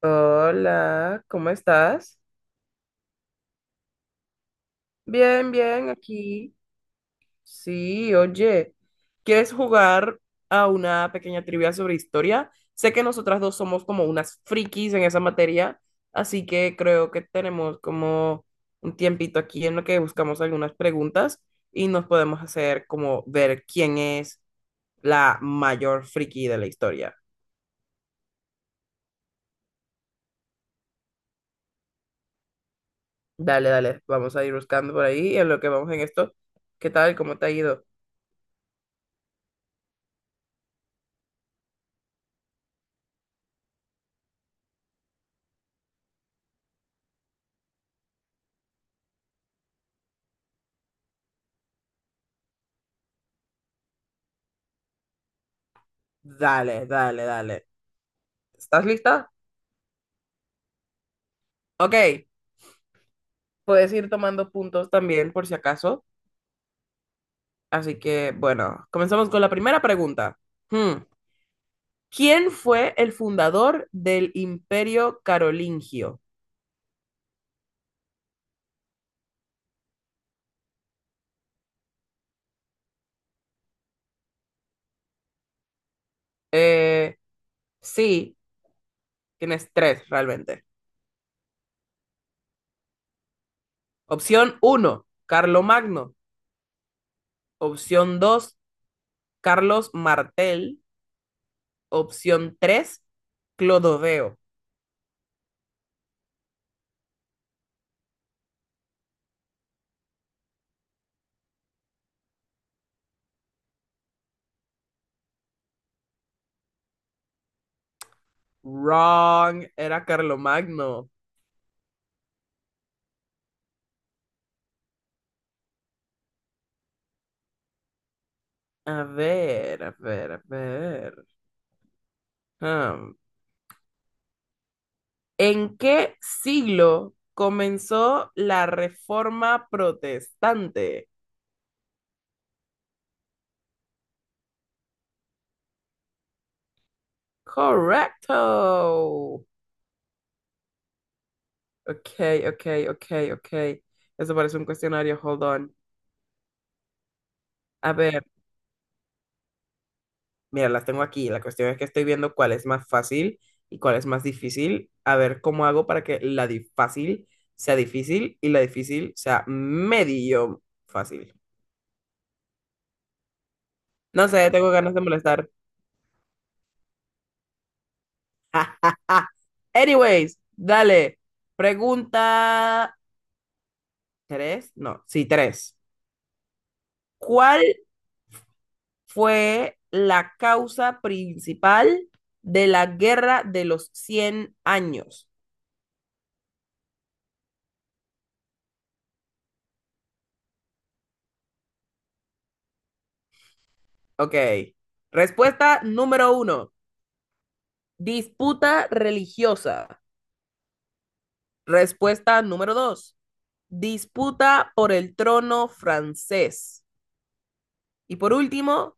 Hola, ¿cómo estás? Bien, bien, aquí. Sí, oye, ¿quieres jugar a una pequeña trivia sobre historia? Sé que nosotras dos somos como unas frikis en esa materia, así que creo que tenemos como un tiempito aquí en lo que buscamos algunas preguntas y nos podemos hacer como ver quién es la mayor friki de la historia. Dale, dale, vamos a ir buscando por ahí en lo que vamos en esto. ¿Qué tal? ¿Cómo te ha ido? Dale, dale, dale. ¿Estás lista? Ok, puedes ir tomando puntos también por si acaso. Así que, bueno, comenzamos con la primera pregunta. Hmm, ¿Quién fue el fundador del Imperio Carolingio? Eh, sí, tienes tres realmente. Opción 1, Carlomagno. Opción 2, Carlos Martel. Opción 3, Clodoveo. Wrong, era Carlomagno. A ver, a ver, a ver. Am, ¿En qué siglo comenzó la reforma protestante? Correcto. Ok, ok, ok, ok. Eso parece un cuestionario, hold on. A ver, mira, las tengo aquí. La cuestión es que estoy viendo cuál es más fácil y cuál es más difícil. A ver cómo hago para que la fácil sea difícil y la difícil sea medio fácil. No sé, tengo ganas de molestar. Anyways, dale. Pregunta tres, no, sí, tres. ¿Cuál fue la causa principal de la Guerra de los 100 años? Ok. Respuesta número uno, disputa religiosa. Respuesta número dos, disputa por el trono francés. Y por último,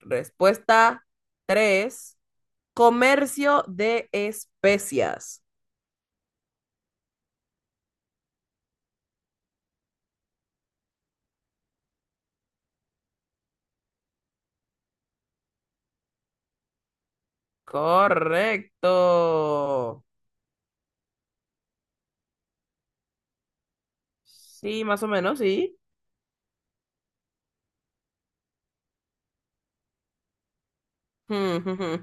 respuesta tres, comercio de especias. Correcto. Sí, más o menos, sí.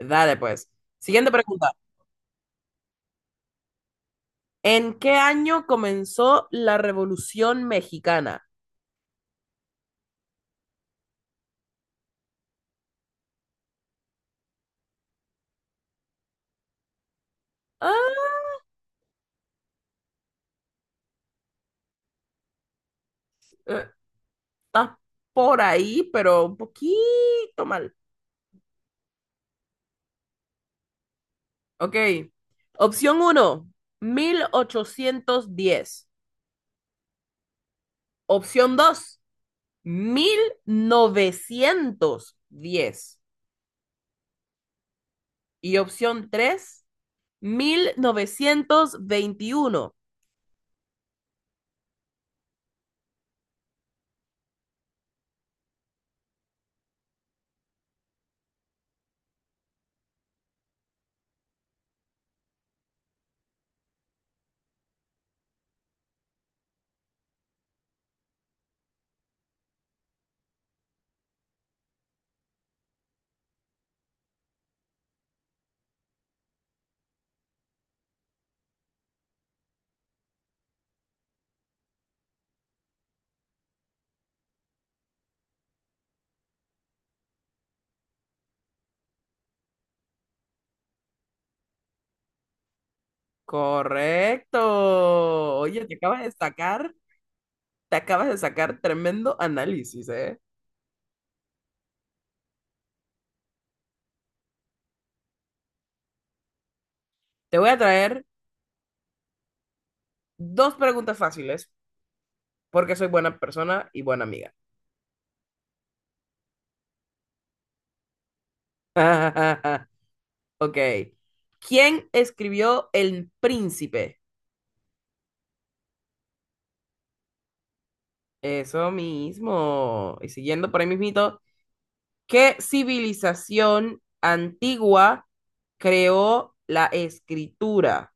Dale, pues. Siguiente pregunta. ¿En qué año comenzó la Revolución Mexicana? Ah, eh, estás por ahí, pero un poquito mal. Ok. Opción uno, 1810. Opción dos, 1910. Y opción tres 1921. Correcto. Oye, te acabas de sacar, te acabas de sacar tremendo análisis, ¿eh? Te voy a traer dos preguntas fáciles porque soy buena persona y buena amiga. Ok. ¿Quién escribió El Príncipe? Eso mismo. Y siguiendo por ahí mismito, ¿qué civilización antigua creó la escritura?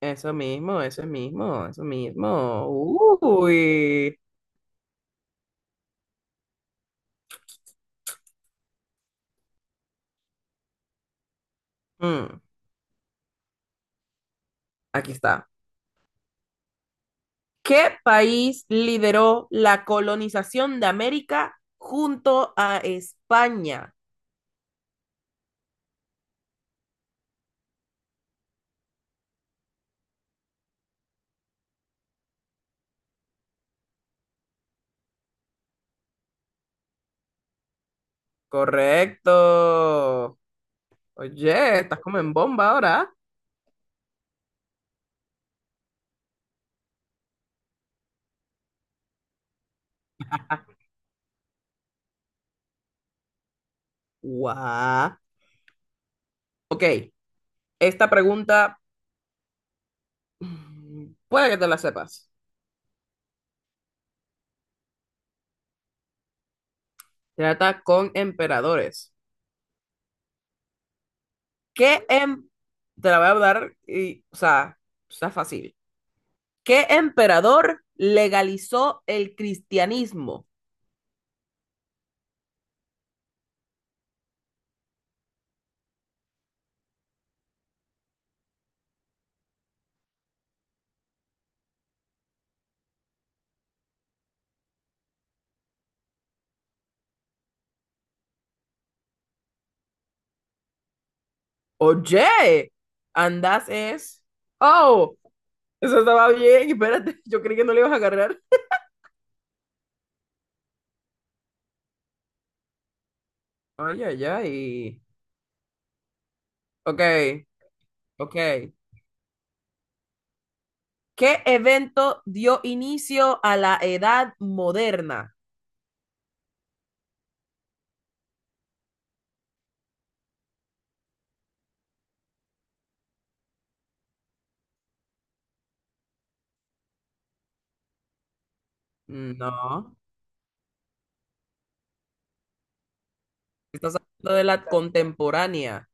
Eso mismo, eso mismo, eso mismo. Uy. Mm, Aquí está. ¿Qué país lideró la colonización de América junto a España? Correcto. Oye, estás como en bomba ahora. Guau. Ok, esta pregunta puede que te la sepas. Trata con emperadores. ¿Qué em- Te la voy a dar y, o sea, está fácil. ¿Qué emperador legalizó el cristianismo? Oye, andas es. Oh, eso estaba bien. Espérate, yo creí que no le ibas a agarrar. Ay, ay, ay. Ok, ok. ¿Qué evento dio inicio a la edad moderna? No, estás hablando de la contemporánea.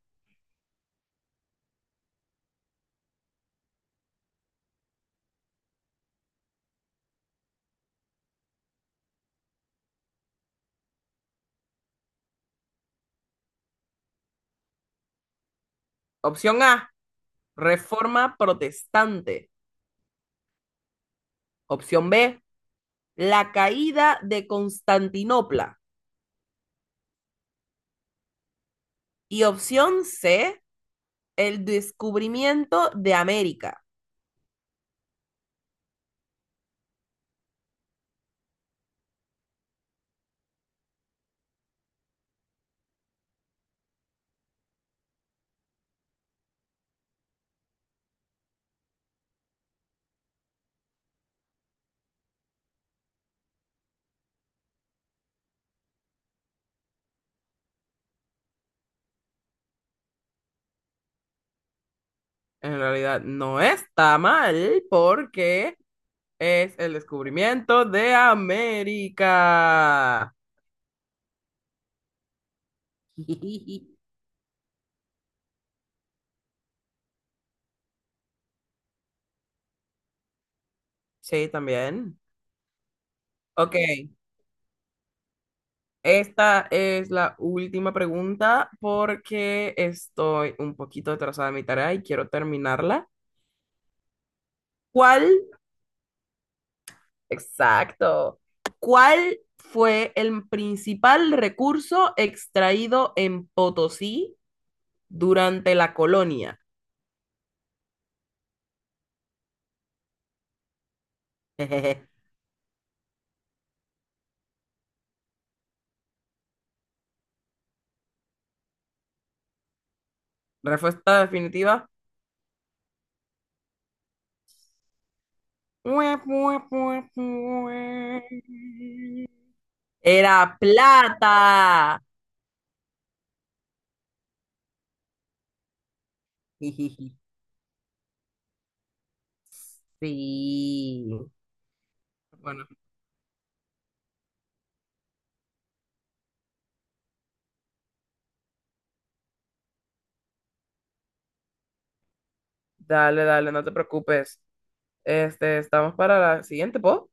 Opción A, reforma protestante. Opción B, la caída de Constantinopla. Y opción C, el descubrimiento de América. En realidad no está mal porque es el descubrimiento de América. Sí, también. Ok, esta es la última pregunta porque estoy un poquito atrasada en mi tarea y quiero terminarla. ¿Cuál? Exacto. ¿Cuál fue el principal recurso extraído en Potosí durante la colonia? Jejeje. Respuesta definitiva. Era plata. Sí. Bueno, dale, dale, no te preocupes. Este, estamos para la siguiente, ¿po?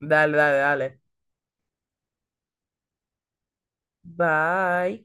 Dale, dale, dale. Bye.